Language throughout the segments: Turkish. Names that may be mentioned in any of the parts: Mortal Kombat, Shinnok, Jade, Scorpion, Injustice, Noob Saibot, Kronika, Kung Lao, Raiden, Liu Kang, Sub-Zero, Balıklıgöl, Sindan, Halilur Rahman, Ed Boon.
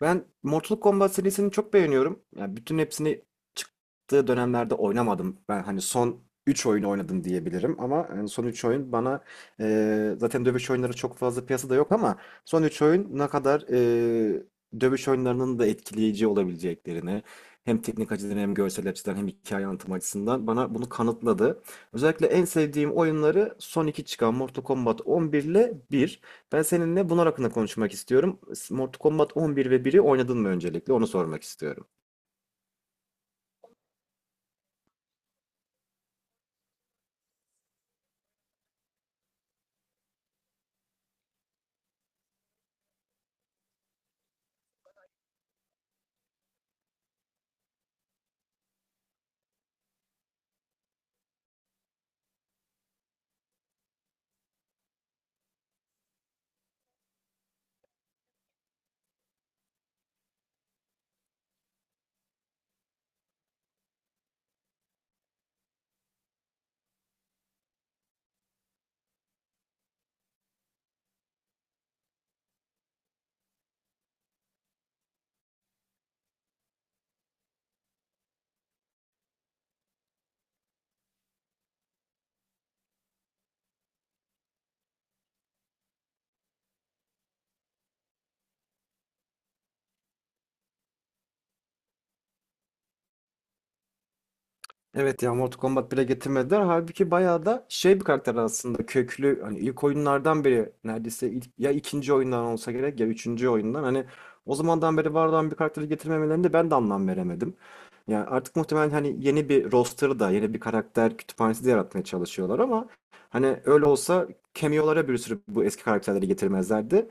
Ben Mortal Kombat serisini çok beğeniyorum. Yani bütün hepsini çıktığı dönemlerde oynamadım. Ben hani son 3 oyunu oynadım diyebilirim ama yani son 3 oyun bana zaten dövüş oyunları çok fazla piyasada yok ama son 3 oyun ne kadar dövüş oyunlarının da etkileyici olabileceklerini hem teknik açıdan hem görsel açıdan hem hikaye anlatım açısından bana bunu kanıtladı. Özellikle en sevdiğim oyunları son 2 çıkan Mortal Kombat 11 ile bir. Ben seninle bunlar hakkında konuşmak istiyorum. Mortal Kombat 11 ve biri oynadın mı öncelikle? Onu sormak istiyorum. Evet ya, Mortal Kombat 1'e getirmediler. Halbuki bayağı da şey bir karakter aslında, köklü. Hani ilk oyunlardan biri, neredeyse ilk, ya ikinci oyundan olsa gerek ya üçüncü oyundan. Hani o zamandan beri var olan bir karakteri getirmemelerinde ben de anlam veremedim. Yani artık muhtemelen hani yeni bir roster da, yeni bir karakter kütüphanesi de yaratmaya çalışıyorlar ama hani öyle olsa cameo'lara bir sürü bu eski karakterleri getirmezlerdi.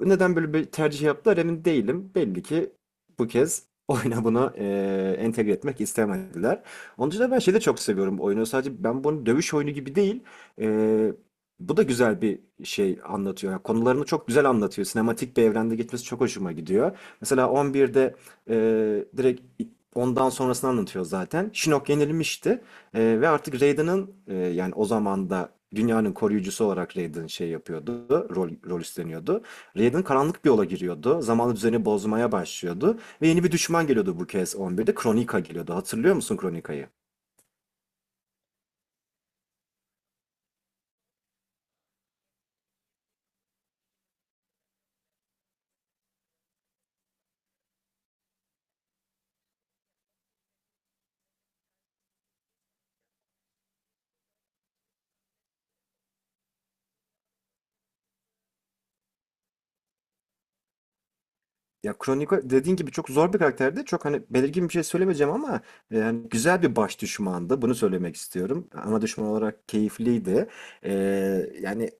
Neden böyle bir tercih yaptılar emin değilim. Belli ki bu kez oyuna bunu entegre etmek istemediler. Onun için de ben şeyi de çok seviyorum bu oyunu. Sadece ben bunu dövüş oyunu gibi değil, e, bu da güzel bir şey anlatıyor. Yani konularını çok güzel anlatıyor. Sinematik bir evrende gitmesi çok hoşuma gidiyor. Mesela 11'de e, direkt ondan sonrasını anlatıyor zaten. Shinnok yenilmişti. Ve artık Raiden'ın, yani o zaman da dünyanın koruyucusu olarak Raiden şey yapıyordu, rol üstleniyordu. Raiden karanlık bir yola giriyordu. Zamanlı düzeni bozmaya başlıyordu. Ve yeni bir düşman geliyordu bu kez 11'de. Kronika geliyordu. Hatırlıyor musun Kronika'yı? Ya Kronika dediğin gibi çok zor bir karakterdi. Çok hani belirgin bir şey söylemeyeceğim ama yani güzel bir baş düşmandı. Bunu söylemek istiyorum. Ana düşman olarak keyifliydi. Yani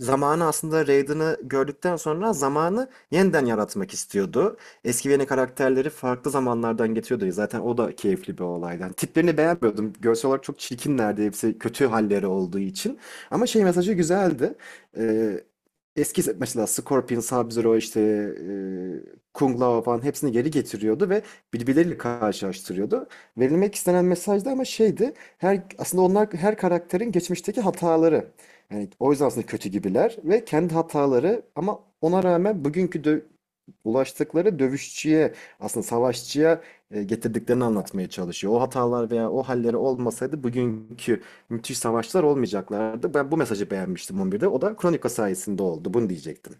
zamanı, aslında Raiden'ı gördükten sonra zamanı yeniden yaratmak istiyordu. Eski ve yeni karakterleri farklı zamanlardan getiriyordu. Zaten o da keyifli bir olaydı. Yani tiplerini beğenmiyordum. Görsel olarak çok çirkinlerdi. Hepsi kötü halleri olduğu için. Ama şey, mesajı güzeldi. Ee, Eski mesela Scorpion, Sub-Zero işte Kung Lao falan hepsini geri getiriyordu ve birbirleriyle karşılaştırıyordu. Verilmek istenen mesaj da ama şeydi. Her, aslında onlar her karakterin geçmişteki hataları. Yani o yüzden aslında kötü gibiler ve kendi hataları ama ona rağmen bugünkü ulaştıkları dövüşçüye, aslında savaşçıya getirdiklerini anlatmaya çalışıyor. O hatalar veya o halleri olmasaydı bugünkü müthiş savaşlar olmayacaklardı. Ben bu mesajı beğenmiştim 11'de. O da Kronika sayesinde oldu. Bunu diyecektim.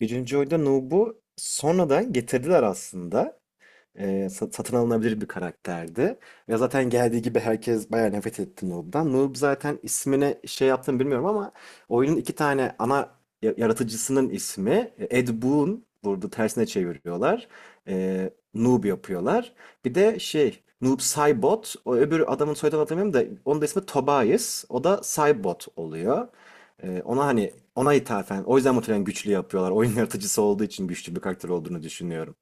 Birinci oyunda Nub'u sonradan getirdiler aslında. Satın alınabilir bir karakterdi. Ve zaten geldiği gibi herkes bayağı nefret etti Noob'dan. Noob zaten ismine şey yaptığını bilmiyorum ama oyunun iki tane ana yaratıcısının ismi, Ed Boon, burada tersine çeviriyorlar. Noob yapıyorlar. Bir de şey, Noob Saibot. O öbür adamın soyadını hatırlamıyorum da onun da ismi Tobias. O da Saibot oluyor. Ona ithafen, o yüzden muhtemelen güçlü yapıyorlar. Oyun yaratıcısı olduğu için güçlü bir karakter olduğunu düşünüyorum.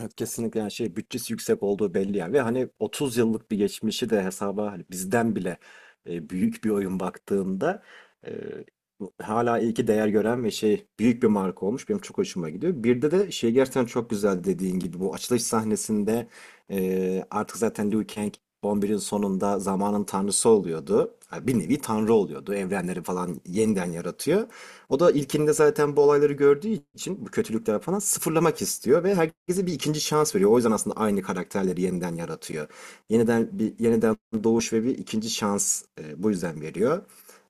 Evet, kesinlikle. Yani şey, bütçesi yüksek olduğu belli yani ve hani 30 yıllık bir geçmişi de hesaba, hani bizden bile büyük bir oyun baktığında, e, hala iyi ki değer gören ve şey, büyük bir marka olmuş, benim çok hoşuma gidiyor. Bir de şey, gerçekten çok güzel dediğin gibi bu açılış sahnesinde artık zaten Liu Kang 11'in sonunda zamanın tanrısı oluyordu. Ha, bir nevi tanrı oluyordu. Evrenleri falan yeniden yaratıyor. O da ilkinde zaten bu olayları gördüğü için bu kötülükler falan sıfırlamak istiyor ve herkese bir ikinci şans veriyor. O yüzden aslında aynı karakterleri yeniden yaratıyor. Yeniden bir doğuş ve bir ikinci şans, bu yüzden veriyor.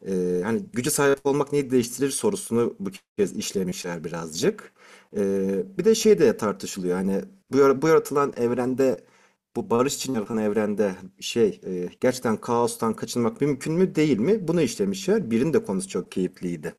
Hani gücü sahip olmak neyi değiştirir sorusunu bu kez işlemişler birazcık. Bir de şey de tartışılıyor. Hani bu, bu yaratılan evrende, bu barış için yaratılan evrende şey, gerçekten kaostan kaçınmak mümkün mü değil mi? Bunu işlemişler. Birin de konusu çok keyifliydi.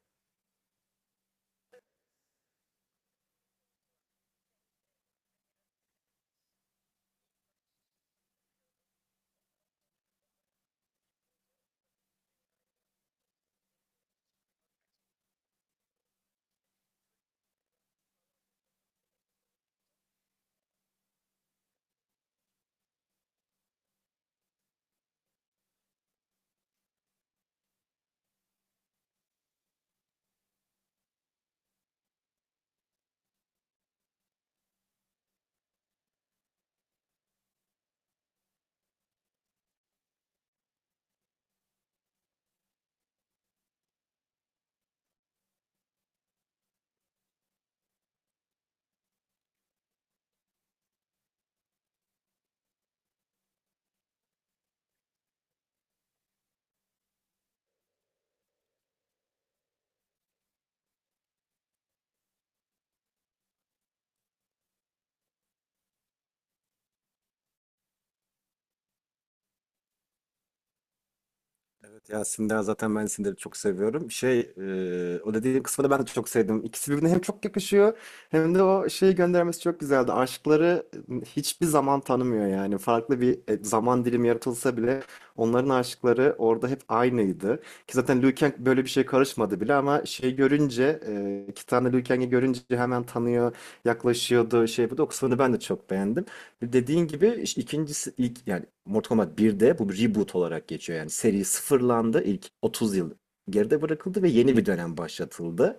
Evet, ya Sindan zaten ben Sindan'ı çok seviyorum. Şey, o dediğim kısmı da ben de çok sevdim. İkisi birbirine hem çok yakışıyor hem de o şeyi göndermesi çok güzeldi. Aşkları hiçbir zaman tanımıyor yani. Farklı bir zaman dilimi yaratılsa bile onların aşkları orada hep aynıydı. Ki zaten Liu Kang böyle bir şey karışmadı bile ama şey görünce, iki tane Liu Kang'i görünce hemen tanıyor, yaklaşıyordu, şey, bu da o kısmını ben de çok beğendim. Dediğin gibi işte ikincisi ilk, yani Mortal Kombat 1'de bu bir reboot olarak geçiyor. Yani seri sıfırlandı. İlk 30 yıl geride bırakıldı ve yeni bir dönem başlatıldı.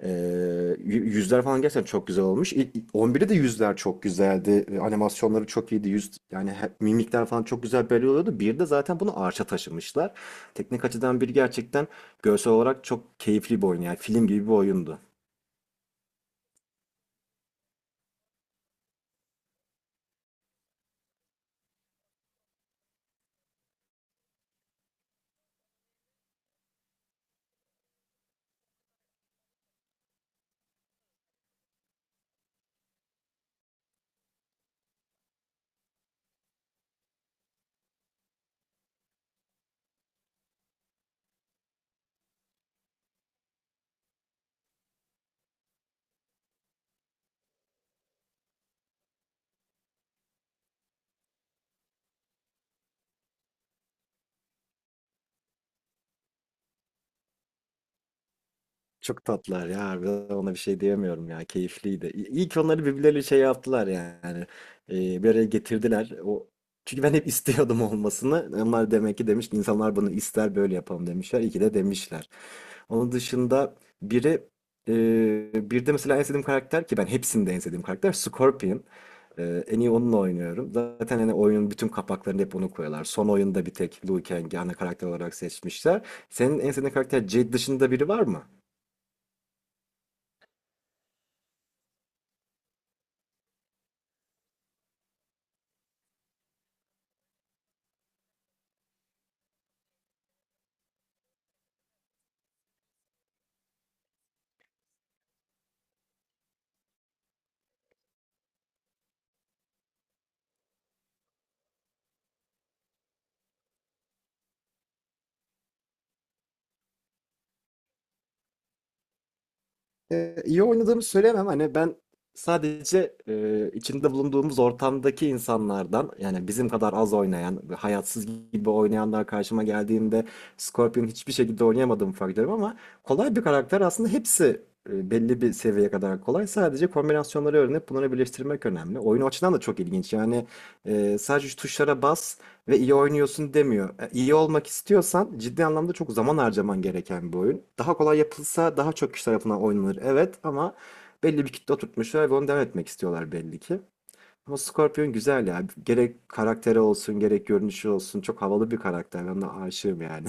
Ee, yü- Yüzler falan gerçekten çok güzel olmuş. İlk, 11'de de yüzler çok güzeldi. Animasyonları çok iyiydi. Yüz yani mimikler falan çok güzel belli oluyordu. 1'de zaten bunu arşa taşımışlar. Teknik açıdan bir gerçekten, görsel olarak çok keyifli bir oyun. Yani film gibi bir oyundu. Çok tatlılar ya, harbiden ona bir şey diyemiyorum ya, keyifliydi. İyi ki onları birbirleriyle şey yaptılar yani, bir araya getirdiler. O, çünkü ben hep istiyordum olmasını. Onlar demek ki, demiş insanlar bunu ister böyle yapalım, demişler. İyi ki de demişler. Onun dışında biri, bir de mesela en sevdiğim karakter, ki ben hepsinde en sevdiğim karakter Scorpion. En iyi onunla oynuyorum. Zaten hani oyunun bütün kapaklarını hep onu koyuyorlar. Son oyunda bir tek Liu Kang'i ana karakter olarak seçmişler. Senin en sevdiğin karakter Jade dışında biri var mı? İyi oynadığımı söyleyemem. Hani ben sadece içinde bulunduğumuz ortamdaki insanlardan, yani bizim kadar az oynayan, hayatsız gibi oynayanlar karşıma geldiğinde Scorpion hiçbir şekilde oynayamadığımı fark ediyorum ama kolay bir karakter aslında, hepsi belli bir seviyeye kadar kolay. Sadece kombinasyonları öğrenip bunları birleştirmek önemli. Oyun o açıdan da çok ilginç. Yani sadece şu tuşlara bas ve iyi oynuyorsun demiyor. E, İyi olmak istiyorsan ciddi anlamda çok zaman harcaman gereken bir oyun. Daha kolay yapılsa daha çok kişi tarafından oynanır. Evet ama belli bir kitle oturtmuşlar ve onu devam etmek istiyorlar belli ki. Ama Scorpion güzel ya. Gerek karakteri olsun, gerek görünüşü olsun. Çok havalı bir karakter. Ben de aşığım yani.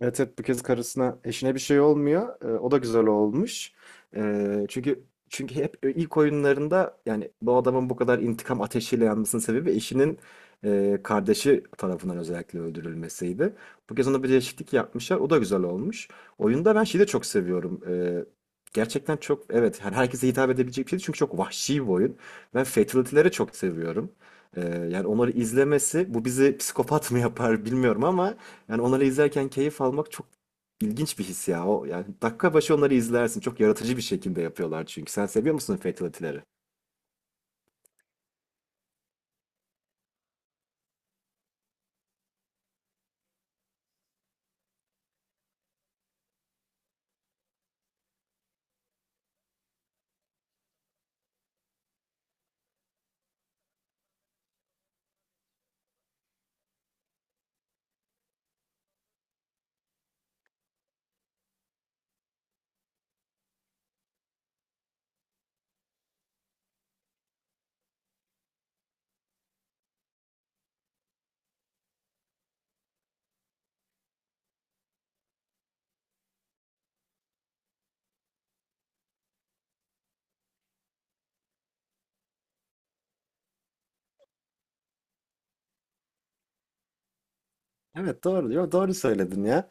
Evet, evet, bu kez karısına, eşine bir şey olmuyor. O da güzel olmuş. Ee, çünkü çünkü hep ilk oyunlarında yani bu adamın bu kadar intikam ateşiyle yanmasının sebebi eşinin kardeşi tarafından özellikle öldürülmesiydi. Bu kez ona bir değişiklik yapmışlar. O da güzel olmuş. Oyunda ben şeyi de çok seviyorum. Gerçekten çok, evet, her herkese hitap edebilecek bir şey çünkü çok vahşi bir oyun. Ben fatality'leri çok seviyorum. Ee, Yani onları izlemesi bu bizi psikopat mı yapar bilmiyorum ama yani onları izlerken keyif almak çok ilginç bir his ya. O, yani dakika başı onları izlersin. Çok yaratıcı bir şekilde yapıyorlar çünkü. Sen seviyor musun fatality'leri? Evet, doğru diyor. Doğru söyledin ya.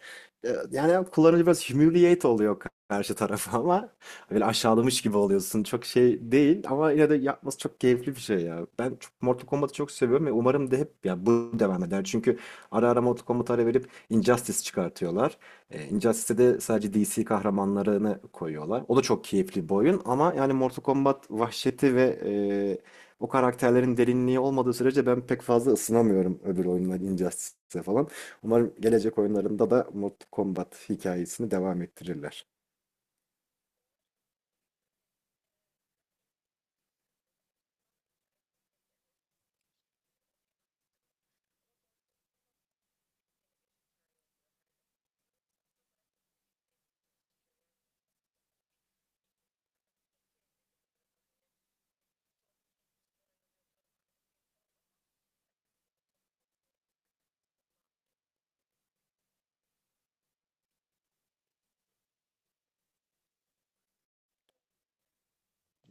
Yani kullanıcı biraz humiliate oluyor karşı tarafa ama, böyle aşağılamış gibi oluyorsun. Çok şey değil ama yine de yapması çok keyifli bir şey ya. Ben çok Mortal Kombat'ı çok seviyorum ve umarım da hep ya bu devam eder. Çünkü ara ara Mortal Kombat'a ara verip Injustice çıkartıyorlar. Injustice'de de sadece DC kahramanlarını koyuyorlar. O da çok keyifli bir oyun ama yani Mortal Kombat vahşeti ve e, o karakterlerin derinliği olmadığı sürece ben pek fazla ısınamıyorum öbür oyunlar, Injustice'e falan. Umarım gelecek oyunlarında da Mortal Kombat hikayesini devam ettirirler.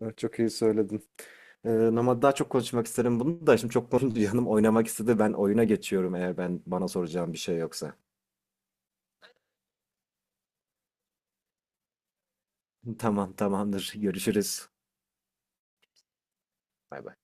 Evet, çok iyi söyledin. Ee, Ama daha çok konuşmak isterim, bunu da şimdi çok konuşunca yanım oynamak istedi. Ben oyuna geçiyorum eğer ben bana soracağım bir şey yoksa. Tamam, tamamdır. Görüşürüz. Bay bay.